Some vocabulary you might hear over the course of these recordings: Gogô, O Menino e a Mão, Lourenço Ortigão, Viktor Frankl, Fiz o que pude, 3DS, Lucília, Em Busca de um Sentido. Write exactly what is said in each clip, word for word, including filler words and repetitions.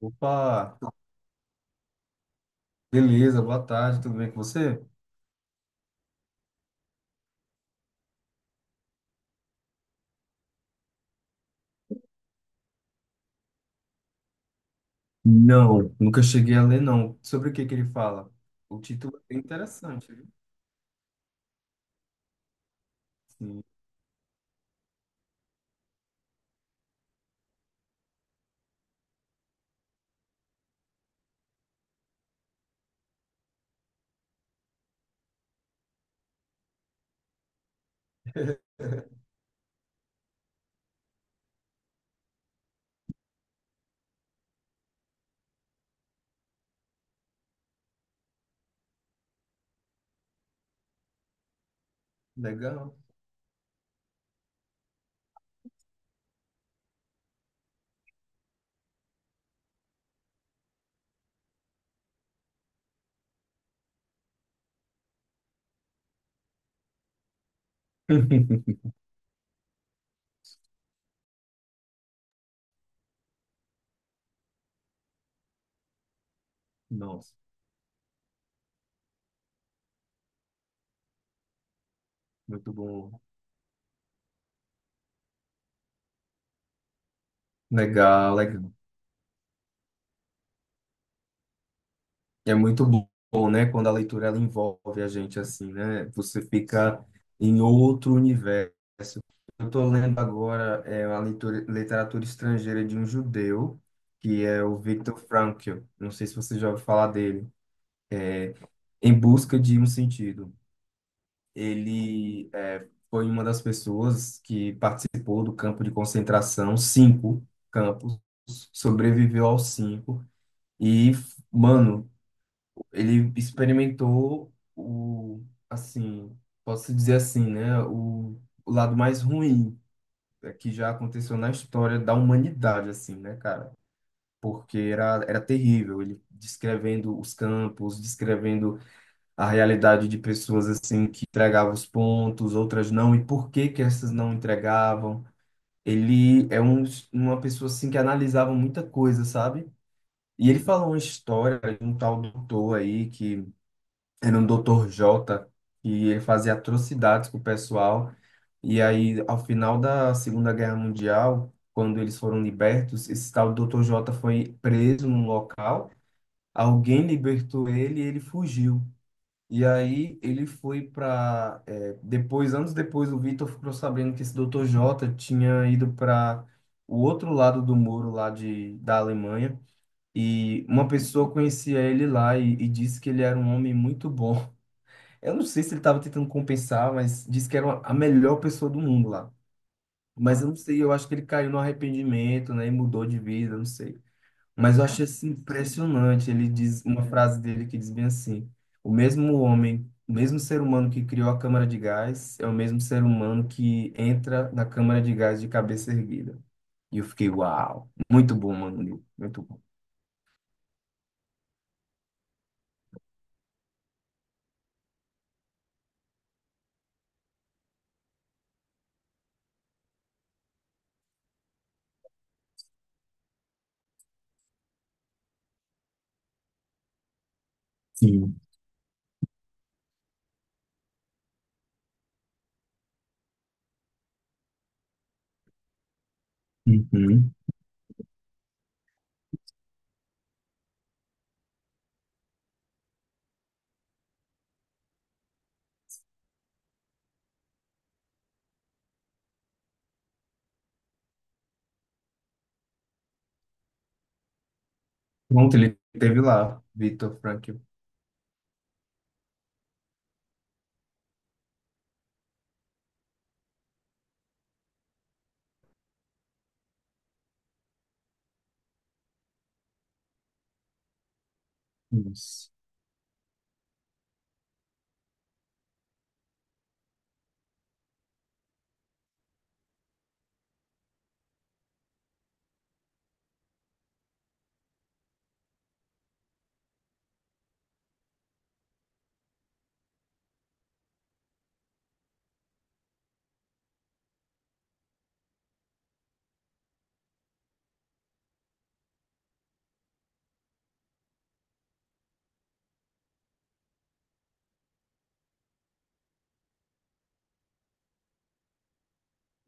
Opa, beleza, boa tarde, tudo bem com você? Não, nunca cheguei a ler, não. Sobre o que que ele fala? O título é bem interessante, viu? Sim, legal. Nossa, muito bom. Legal, legal. É muito bom, né? Quando a leitura ela envolve a gente assim, né? Você fica em outro universo. Eu estou lendo agora é, a leitura, literatura estrangeira de um judeu, que é o Viktor Frankl. Não sei se você já ouviu falar dele. Em Busca de um Sentido. Ele é, foi uma das pessoas que participou do campo de concentração, cinco campos, sobreviveu aos cinco e, mano, ele experimentou o, assim, posso dizer assim, né, o, o lado mais ruim é, que já aconteceu na história da humanidade, assim, né, cara? Porque era, era terrível, ele descrevendo os campos, descrevendo a realidade de pessoas assim que entregavam os pontos, outras não, e por que que essas não entregavam. Ele é um, uma pessoa assim que analisava muita coisa, sabe? E ele falou uma história de um tal doutor aí que era um doutor Jota e ele fazia atrocidades com o pessoal. E aí, ao final da Segunda Guerra Mundial, quando eles foram libertos, esse tal doutor Jota foi preso num local. Alguém libertou ele e ele fugiu. E aí ele foi para depois, anos depois, o Vitor ficou sabendo que esse doutor J tinha ido para o outro lado do muro lá de, da Alemanha. E uma pessoa conhecia ele lá e, e disse que ele era um homem muito bom. Eu não sei se ele estava tentando compensar, mas disse que era uma- a melhor pessoa do mundo lá. Mas eu não sei, eu acho que ele caiu no arrependimento, né? E mudou de vida, eu não sei. Mas eu achei assim, impressionante. Ele diz uma frase dele que diz bem assim: o mesmo homem, o mesmo ser humano que criou a câmara de gás é o mesmo ser humano que entra na câmara de gás de cabeça erguida. E eu fiquei, uau, muito bom, mano, Neil, muito bom. Sim. Uhum. Pronto, ele teve lá, Vitor Frankl. Isso.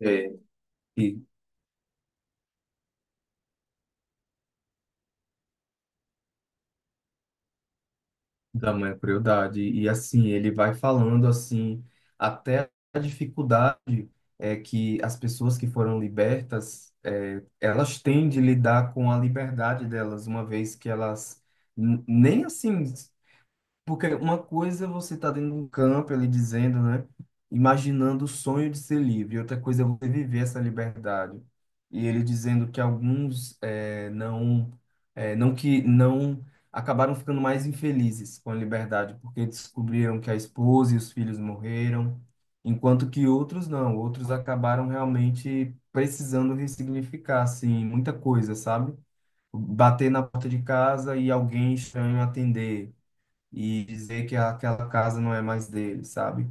É, da mãe crueldade. E assim, ele vai falando assim, até a dificuldade é que as pessoas que foram libertas, é, elas têm de lidar com a liberdade delas, uma vez que elas n- nem assim porque uma coisa é você tá dentro de um campo ali dizendo, né? Imaginando o sonho de ser livre. Outra coisa é você viver essa liberdade. E ele dizendo que alguns eh, não, eh, não que não acabaram ficando mais infelizes com a liberdade, porque descobriram que a esposa e os filhos morreram, enquanto que outros não. Outros acabaram realmente precisando ressignificar, assim, muita coisa, sabe? Bater na porta de casa e alguém estranho atender e dizer que aquela casa não é mais dele, sabe?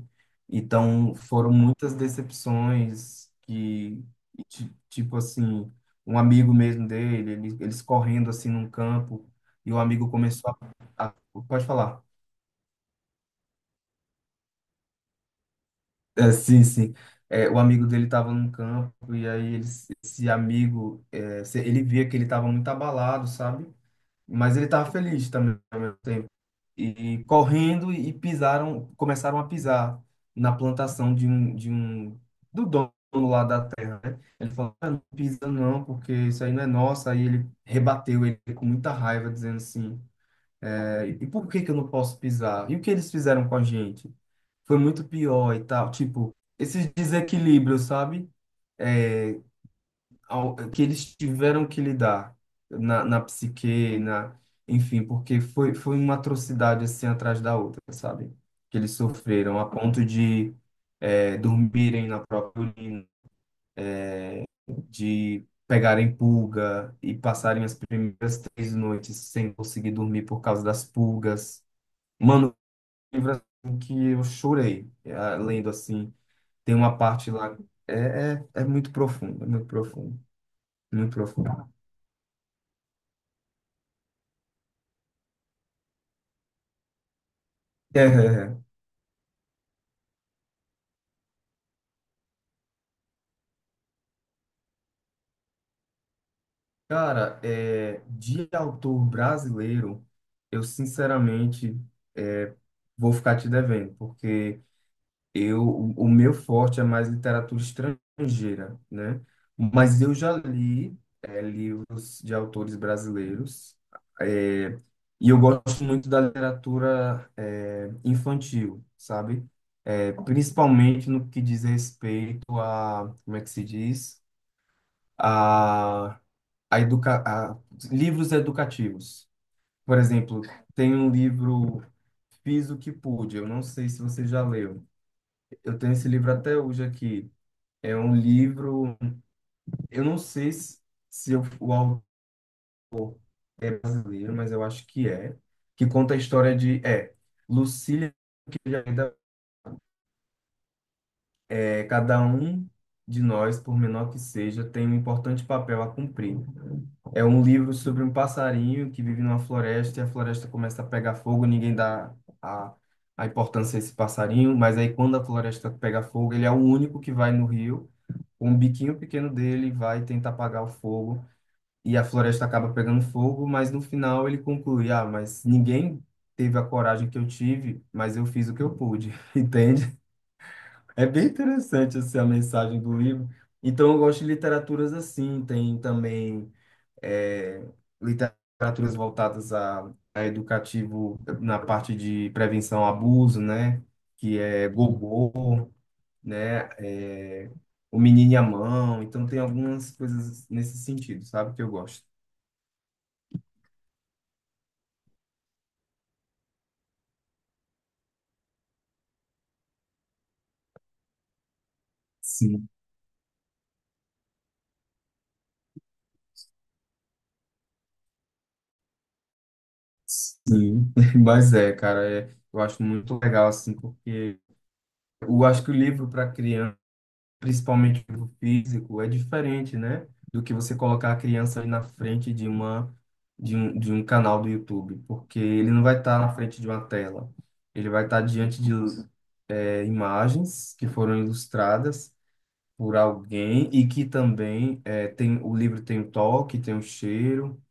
Então, foram muitas decepções que, ti- tipo assim, um amigo mesmo dele, ele- eles correndo assim num campo, e o amigo começou a... a- Pode falar. É, sim, sim. É, o amigo dele estava num campo, e aí eles- esse amigo, é, se- ele via que ele estava muito abalado, sabe? Mas ele estava feliz também ao mesmo tempo. E, e correndo e pisaram, começaram a pisar na plantação de um, de um, do dono lá da terra, né? Ele falou, "Ah, não pisa não, porque isso aí não é nosso." Aí ele rebateu ele com muita raiva, dizendo assim, "É, e por que que eu não posso pisar? E o que eles fizeram com a gente? Foi muito pior e tal." Tipo, esses desequilíbrios, sabe? É, ao- que eles tiveram que lidar na, na psique, na, enfim, porque foi, foi uma atrocidade assim atrás da outra, sabe? Que eles sofreram a ponto de eh, dormirem na própria urina, de pegarem pulga e passarem as primeiras três noites sem conseguir dormir por causa das pulgas. Mano, um livro assim que eu chorei eh, lendo assim. Tem uma parte lá, é, é, é muito profundo, é muito profundo, muito profundo. Cara, é, de autor brasileiro, eu sinceramente é, vou ficar te devendo, porque eu, o o meu forte é mais literatura estrangeira, né? Mas eu já li é, livros de autores brasileiros, é, e eu gosto muito da literatura é, infantil, sabe? É, principalmente no que diz respeito a, como é que se diz? a a educa a, Livros educativos. Por exemplo, tem um livro Fiz o que pude. Eu não sei se você já leu. Eu tenho esse livro até hoje aqui. É um livro, eu não sei se, se eu- o autor é brasileiro, mas eu acho que é, que conta a história de é Lucília, que já é, da- é, cada um de nós, por menor que seja, tem um importante papel a cumprir. É um livro sobre um passarinho que vive numa floresta e a floresta começa a pegar fogo, ninguém dá a, a importância a esse passarinho, mas aí quando a floresta pega fogo, ele é o único que vai no rio, com o biquinho pequeno dele, vai tentar apagar o fogo e a floresta acaba pegando fogo, mas no final ele conclui: ah, mas ninguém teve a coragem que eu tive, mas eu fiz o que eu pude, entende? É bem interessante essa a mensagem do livro. Então eu gosto de literaturas assim, tem também é, literaturas voltadas a, a educativo na parte de prevenção ao abuso, né? Que é Gogô, né? É, O Menino e a Mão. Então tem algumas coisas nesse sentido, sabe? Que eu gosto. Sim, sim. Mas é, cara, é- eu acho muito legal, assim, porque eu acho que o livro para criança principalmente do físico, é diferente, né? Do que você colocar a criança ali na frente de uma de um, de um canal do YouTube, porque ele não vai estar na frente de uma tela. Ele vai estar diante de é, imagens que foram ilustradas por alguém e que também é, tem o livro tem o toque, tem o cheiro,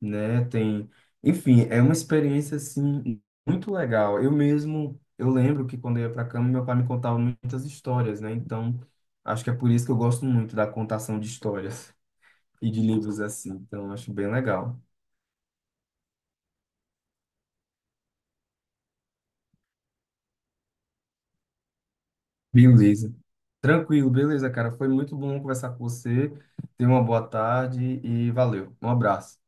né? Tem, enfim, é uma experiência assim muito legal. Eu mesmo, eu lembro que quando eu ia para a cama, meu pai me contava muitas histórias, né? Então, acho que é por isso que eu gosto muito da contação de histórias e de livros assim. Então, acho bem legal. Beleza. Tranquilo, beleza, cara. Foi muito bom conversar com você. Tenha uma boa tarde e valeu. Um abraço.